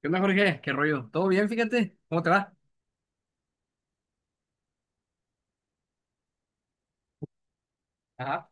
¿Qué onda, Jorge? ¿Qué rollo? ¿Todo bien? Fíjate. ¿Cómo te va? Ajá.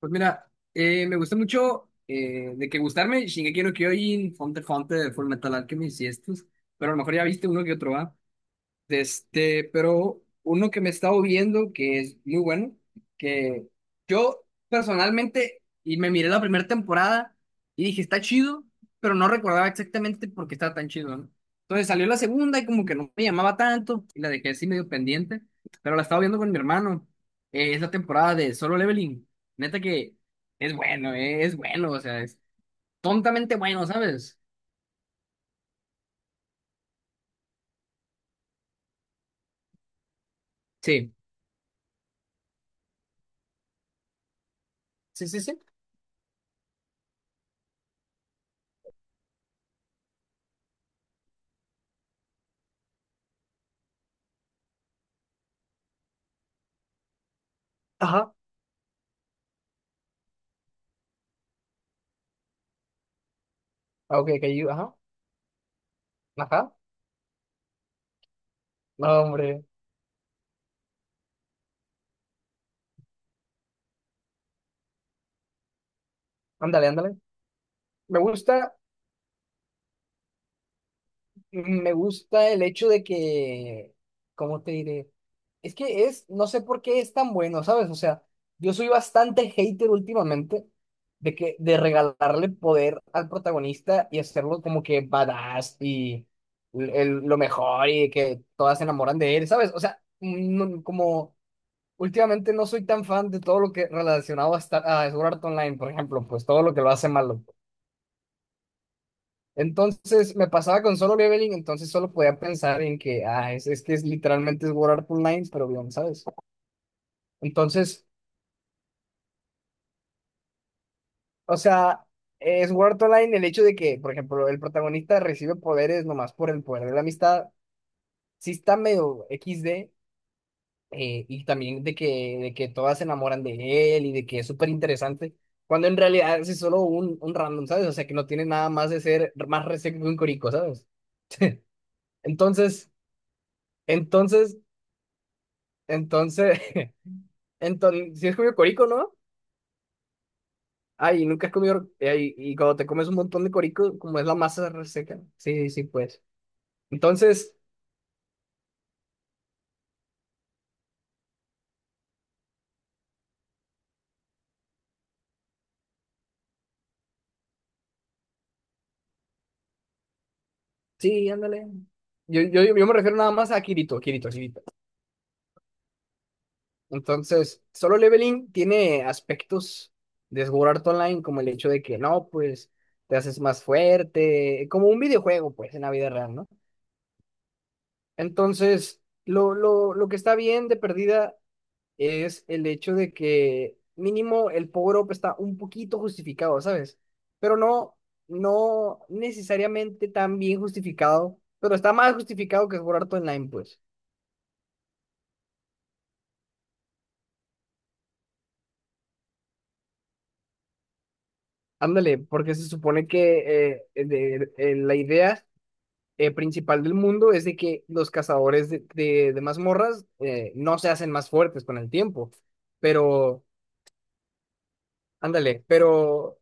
Pues mira, me gusta mucho de que gustarme Shingeki no Kyojin, Fonte, Full Metal Alchemist y estos, pero a lo mejor ya viste uno que otro, ¿va? De este, pero uno que me he estado viendo que es muy bueno, que yo personalmente, y me miré la primera temporada y dije, está chido, pero no recordaba exactamente por qué estaba tan chido, ¿no? Entonces salió la segunda y como que no me llamaba tanto y la dejé así medio pendiente, pero la estaba viendo con mi hermano. Es la temporada de Solo Leveling. Neta que es bueno, o sea, es tontamente bueno, ¿sabes? Sí, sí, sí, sí. Ajá. Ah, ok, que yo, ajá. Ajá. No, hombre. Ándale, ándale. Me gusta, me gusta el hecho de que, ¿cómo te diré? Es que es, no sé por qué es tan bueno, ¿sabes? O sea, yo soy bastante hater últimamente de que, de regalarle poder al protagonista y hacerlo como que badass y lo mejor y que todas se enamoran de él, ¿sabes? O sea, no, como últimamente no soy tan fan de todo lo que relacionado a, estar, a Sword Art Online, por ejemplo, pues todo lo que lo hace malo. Entonces me pasaba con Solo Leveling, entonces solo podía pensar en que, ah, es que es literalmente es Sword Art Online, pero bien, ¿sabes? Entonces, o sea, es Sword Art Online el hecho de que, por ejemplo, el protagonista recibe poderes nomás por el poder de la amistad, sí está medio XD, y también de que todas se enamoran de él y de que es súper interesante, cuando en realidad es solo un random, ¿sabes? O sea, que no tiene nada más de ser más reseco que un corico, ¿sabes? Entonces, entonces, entonces... Entonces, si has comido corico, ¿no? Ay, nunca has comido. Ay, y cuando te comes un montón de corico, como es la masa reseca. Sí, sí, pues. Entonces, sí, ándale. Yo me refiero nada más a Kirito, Kirito, Kirito. Entonces, Solo Leveling tiene aspectos de Sword Art Online, como el hecho de que no, pues te haces más fuerte, como un videojuego, pues, en la vida real, ¿no? Entonces, lo que está bien de perdida es el hecho de que mínimo el power up está un poquito justificado, ¿sabes? Pero no, no necesariamente tan bien justificado, pero está más justificado que jugar todo online, pues. Ándale, porque se supone que la idea principal del mundo es de que los cazadores de mazmorras no se hacen más fuertes con el tiempo, pero, ándale, pero...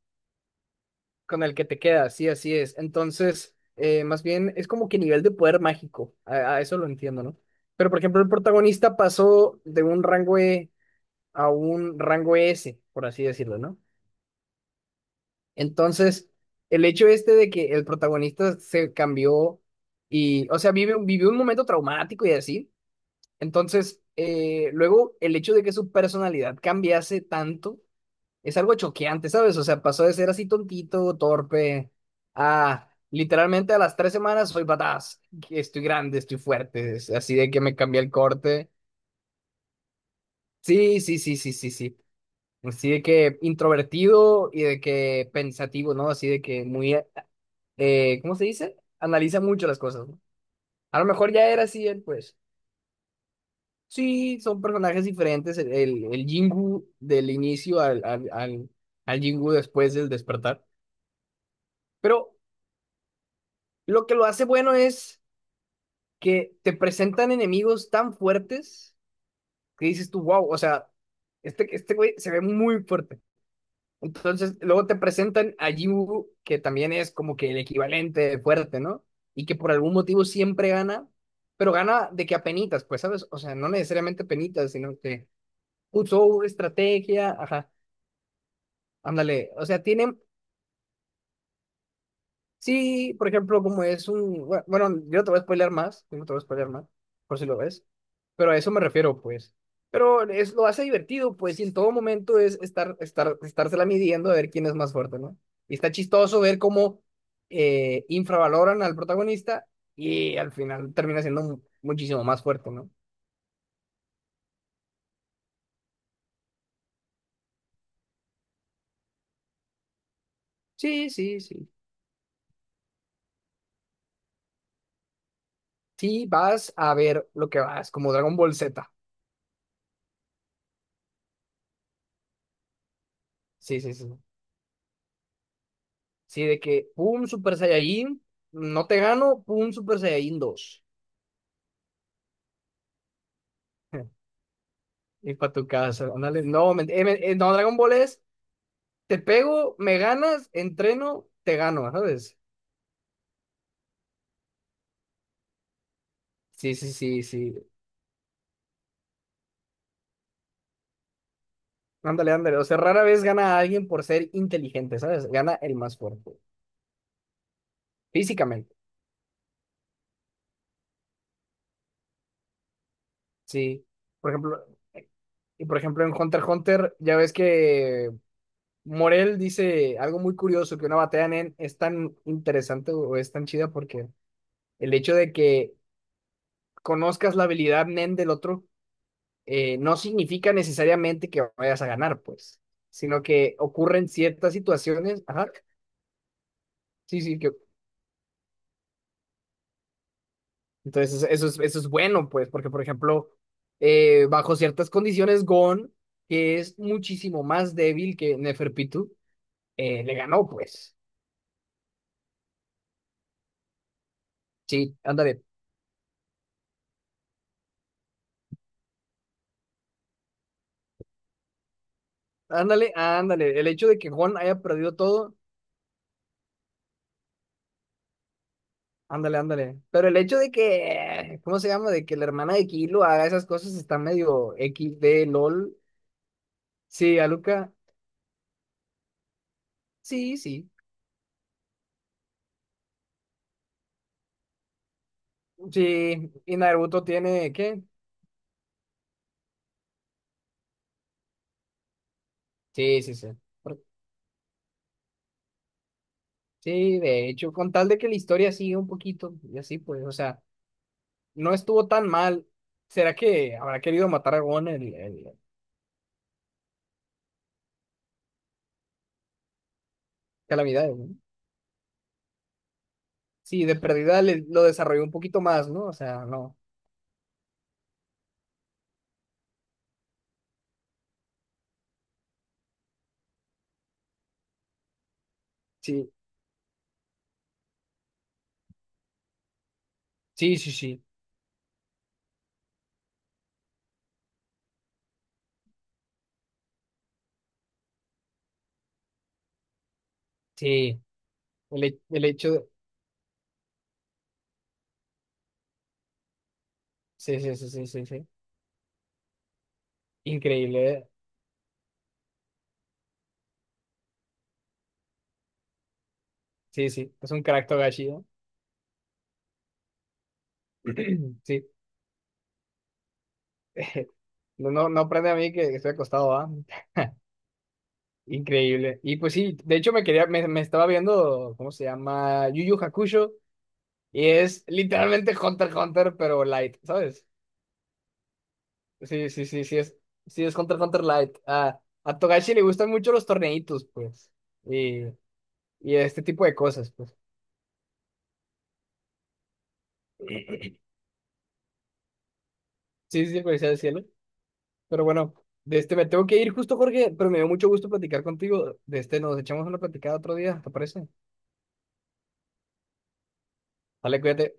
Con el que te quedas, sí, así es. Entonces, más bien es como que nivel de poder mágico, a eso lo entiendo, ¿no? Pero, por ejemplo, el protagonista pasó de un rango E a un rango S, por así decirlo, ¿no? Entonces, el hecho este de que el protagonista se cambió y, o sea, vivió un momento traumático y así. Entonces, luego el hecho de que su personalidad cambiase tanto es algo choqueante, ¿sabes? O sea, pasó de ser así tontito, torpe, a literalmente a las tres semanas soy badass, que estoy grande, estoy fuerte, es así de que me cambié el corte. Sí, sí, sí, sí, sí, sí. Así de que introvertido y de que pensativo, ¿no? Así de que muy, ¿cómo se dice? Analiza mucho las cosas, ¿no? A lo mejor ya era así él, pues. Sí, son personajes diferentes. El Jingu del inicio al Jingu después del despertar. Pero lo que lo hace bueno es que te presentan enemigos tan fuertes que dices tú, wow, o sea, este güey se ve muy fuerte. Entonces, luego te presentan a Yu, que también es como que el equivalente de fuerte, ¿no? Y que por algún motivo siempre gana, pero gana de que a penitas, pues, ¿sabes? O sea, no necesariamente penitas, sino que usó una estrategia, ajá, ándale. O sea, tiene. Sí, por ejemplo, como es un... Bueno, yo no te voy a spoilear más, yo no te voy a spoilear más, por si lo ves, pero a eso me refiero, pues. Pero es, lo hace divertido, pues, y en todo momento es estársela midiendo a ver quién es más fuerte, ¿no? Y está chistoso ver cómo infravaloran al protagonista y al final termina siendo muchísimo más fuerte, ¿no? Sí, sí, sí. Sí, vas a ver lo que vas, como Dragon Ball Z. Sí, sí, sí. Sí, de que, pum, Super Saiyajin, no te gano, pum, Super Saiyajin dos. Y para tu casa, ándale. No, no, Dragon Ball es, te pego, me ganas, entreno, te gano, ¿sabes? Sí, sí, sí, sí. Ándale, ándale. O sea, rara vez gana a alguien por ser inteligente, ¿sabes? Gana el más fuerte, físicamente, sí. Por ejemplo, y por ejemplo en Hunter x Hunter, ya ves que Morel dice algo muy curioso, que una batalla en es tan interesante o es tan chida porque el hecho de que conozcas la habilidad NEN del otro no significa necesariamente que vayas a ganar, pues, sino que ocurren ciertas situaciones. Ajá, sí, sí, que... Entonces eso es bueno, pues, porque, por ejemplo, bajo ciertas condiciones, Gon, que es muchísimo más débil que Neferpitu, le ganó, pues. Sí, ándale, ándale, ándale. El hecho de que Gon haya perdido todo. Ándale, ándale. Pero el hecho de que, ¿cómo se llama? De que la hermana de Kilo haga esas cosas está medio equis de LOL. Sí, Aluka. Sí, sí. Sí, y Naruto tiene, ¿qué? Sí, sí, sí. Por... Sí, de hecho, con tal de que la historia siga un poquito y así, pues, o sea, no estuvo tan mal. ¿Será que habrá querido matar a Gon el calamidad, ¿no? Sí, de perdida lo desarrolló un poquito más, ¿no? O sea, no. Sí, sí, sí, sí. Sí, el, el hecho de... Sí, sí, sí, sí, sí, sí. Increíble, ¿eh? Sí, sí, es un crack Togashi, ¿no? Sí. No, no, no aprende a mí que estoy acostado, ¿ah? Increíble. Y pues sí, de hecho me quería, me estaba viendo, ¿cómo se llama? Yu Yu Hakusho, y es literalmente Hunter x Hunter, pero light, ¿sabes? Sí, sí, sí, sí es Hunter x Hunter light. A Togashi le gustan mucho los torneitos, pues, y, y este tipo de cosas, pues. Sí, sí, policía del cielo. Pero bueno, de este me tengo que ir justo, Jorge, pero me dio mucho gusto platicar contigo. De este nos echamos una platicada otro día, ¿te parece? Dale, cuídate.